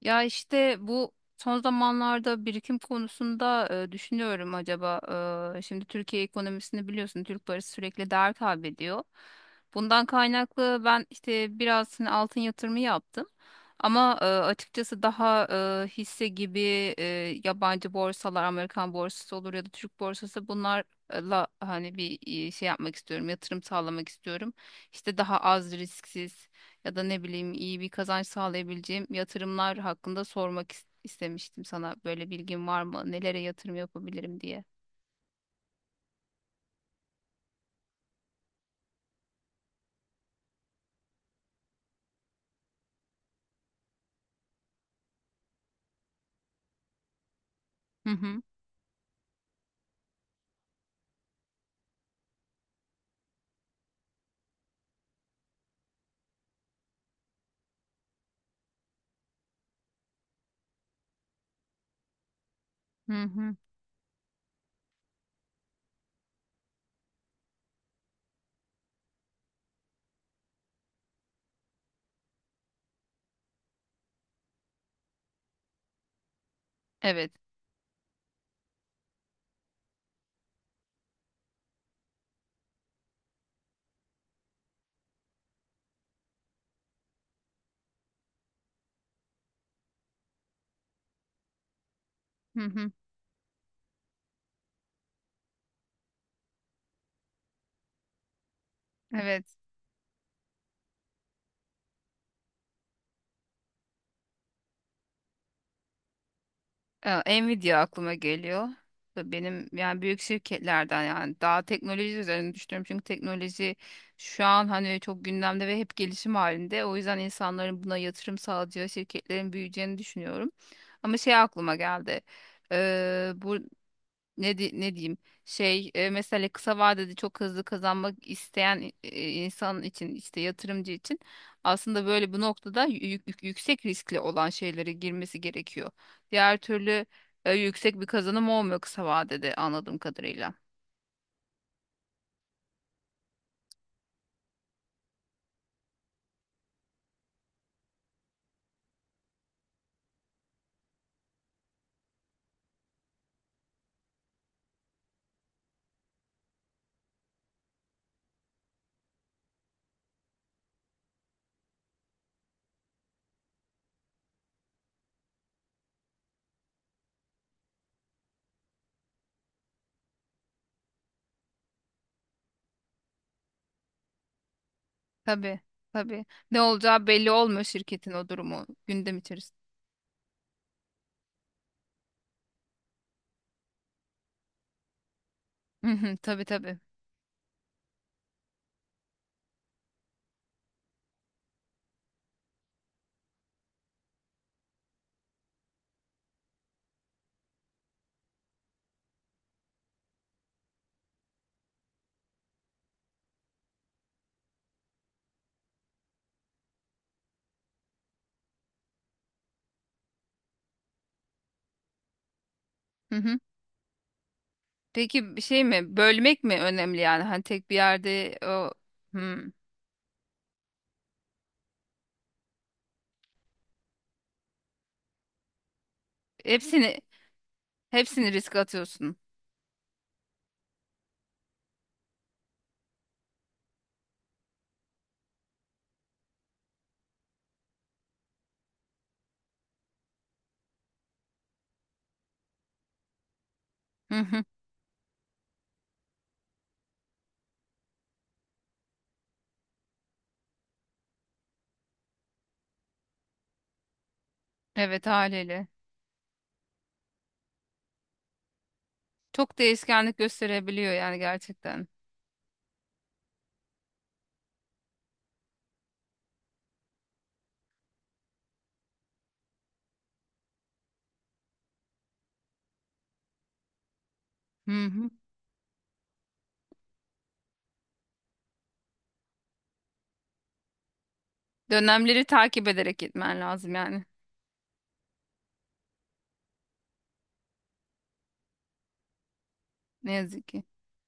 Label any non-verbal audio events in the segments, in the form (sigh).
Ya işte bu son zamanlarda birikim konusunda düşünüyorum acaba. Şimdi Türkiye ekonomisini biliyorsun, Türk parası sürekli değer kaybediyor. Bundan kaynaklı ben işte biraz hani altın yatırımı yaptım. Ama açıkçası daha hisse gibi e, yabancı borsalar, Amerikan borsası olur ya da Türk borsası bunlarla hani bir şey yapmak istiyorum, yatırım sağlamak istiyorum. İşte daha az risksiz ya da ne bileyim iyi bir kazanç sağlayabileceğim yatırımlar hakkında sormak istemiştim sana. Böyle bilgin var mı? Nelere yatırım yapabilirim diye. Hı hı. Hı hı. Evet. Hı hı. Evet. Nvidia aklıma geliyor. Ve benim yani büyük şirketlerden, yani daha teknoloji üzerine düşünüyorum. Çünkü teknoloji şu an hani çok gündemde ve hep gelişim halinde. O yüzden insanların buna yatırım sağlayacağı şirketlerin büyüyeceğini düşünüyorum. Ama şey aklıma geldi. Bu ne diyeyim, şey, mesela kısa vadede çok hızlı kazanmak isteyen insan için, işte yatırımcı için aslında böyle bu noktada yüksek riskli olan şeylere girmesi gerekiyor. Diğer türlü yüksek bir kazanım olmuyor kısa vadede anladığım kadarıyla. Tabii, tabii, ne olacağı belli olmuyor şirketin o durumu gündem içerisinde. Hı hı, tabii tabii. Hı hı. Peki bir şey mi? Bölmek mi önemli yani? Hani tek bir yerde o hmm. Hepsini hepsini riske atıyorsun. Hı hı. Evet, haliyle. Çok değişkenlik gösterebiliyor yani gerçekten. Hı hı. Dönemleri takip ederek gitmen lazım yani. Ne yazık ki.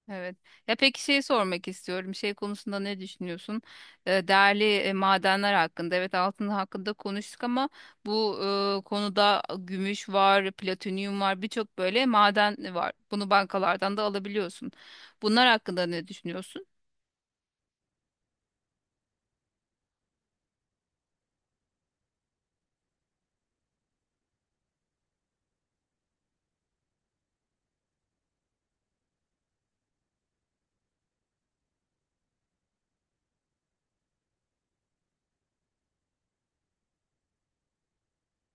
Evet. Ya peki şey sormak istiyorum. Şey konusunda ne düşünüyorsun? Değerli madenler hakkında. Evet, altın hakkında konuştuk ama bu konuda gümüş var, platinyum var, birçok böyle maden var. Bunu bankalardan da alabiliyorsun. Bunlar hakkında ne düşünüyorsun?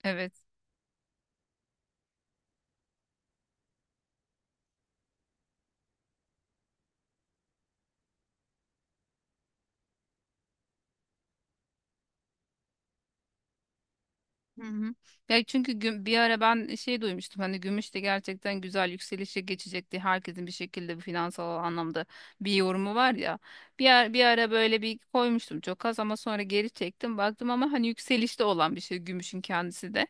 Evet. Hı hı. Ya çünkü bir ara ben şey duymuştum hani gümüş de gerçekten güzel yükselişe geçecekti. Herkesin bir şekilde bir finansal anlamda bir yorumu var ya. Bir ara böyle bir koymuştum çok az ama sonra geri çektim. Baktım ama hani yükselişte olan bir şey gümüşün kendisi de.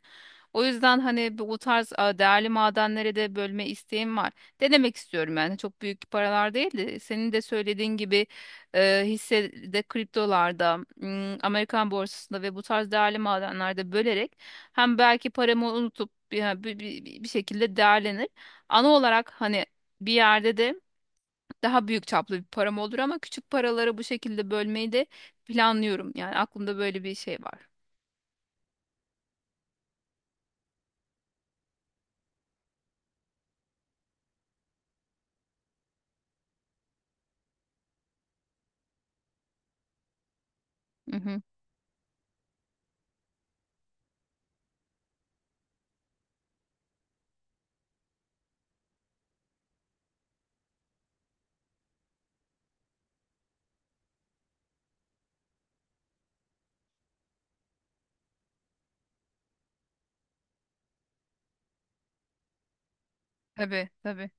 O yüzden hani bu tarz değerli madenlere de bölme isteğim var. Denemek istiyorum yani, çok büyük paralar değil de, senin de söylediğin gibi hissede, kriptolarda, Amerikan borsasında ve bu tarz değerli madenlerde bölerek hem belki paramı unutup bir şekilde değerlenir. Ana olarak hani bir yerde de daha büyük çaplı bir param olur, ama küçük paraları bu şekilde bölmeyi de planlıyorum. Yani aklımda böyle bir şey var. Hı hı. Tabii tabii.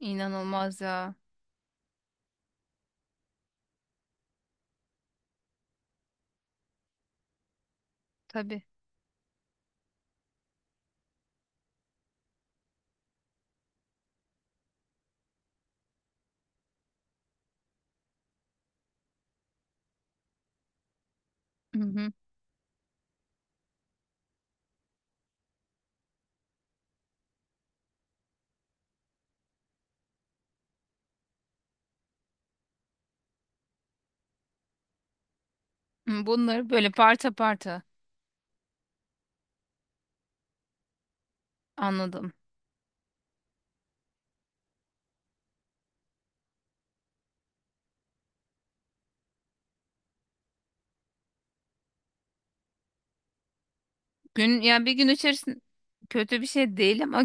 İnanılmaz ya. Tabii. Hı hı. Hı, bunları böyle parça parça anladım. Gün, ya bir gün içerisinde kötü bir şey değil ama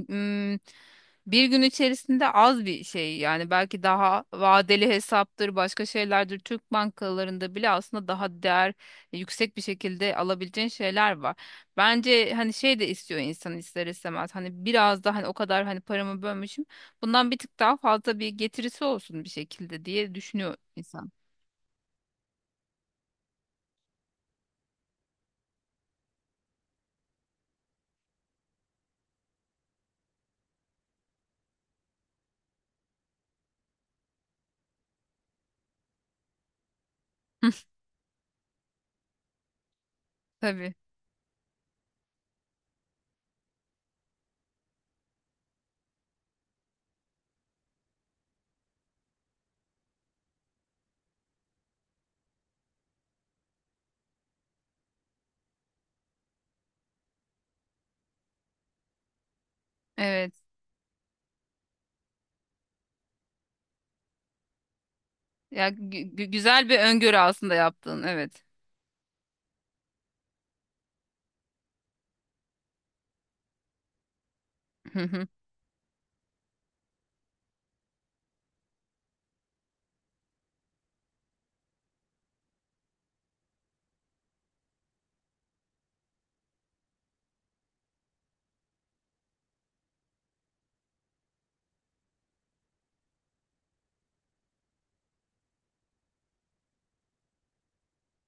bir gün içerisinde az bir şey yani, belki daha vadeli hesaptır, başka şeylerdir, Türk bankalarında bile aslında daha değer yüksek bir şekilde alabileceğin şeyler var. Bence hani şey de istiyor insan ister istemez, hani biraz daha hani o kadar hani paramı bölmüşüm bundan bir tık daha fazla bir getirisi olsun bir şekilde diye düşünüyor insan. (laughs) Tabii, evet ya, güzel bir öngörü aslında yaptığın, evet. (laughs)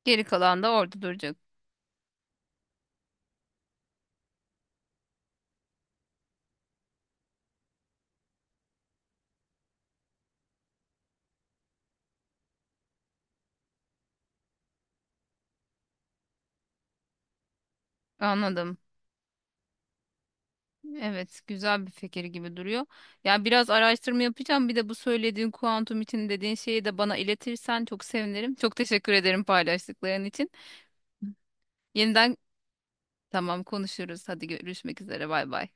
Geri kalan da orada duracak, anladım. Evet, güzel bir fikir gibi duruyor. Ya biraz araştırma yapacağım. Bir de bu söylediğin kuantum için dediğin şeyi de bana iletirsen çok sevinirim. Çok teşekkür ederim paylaştıkların için. Yeniden, tamam, konuşuruz. Hadi görüşmek üzere. Bay bay.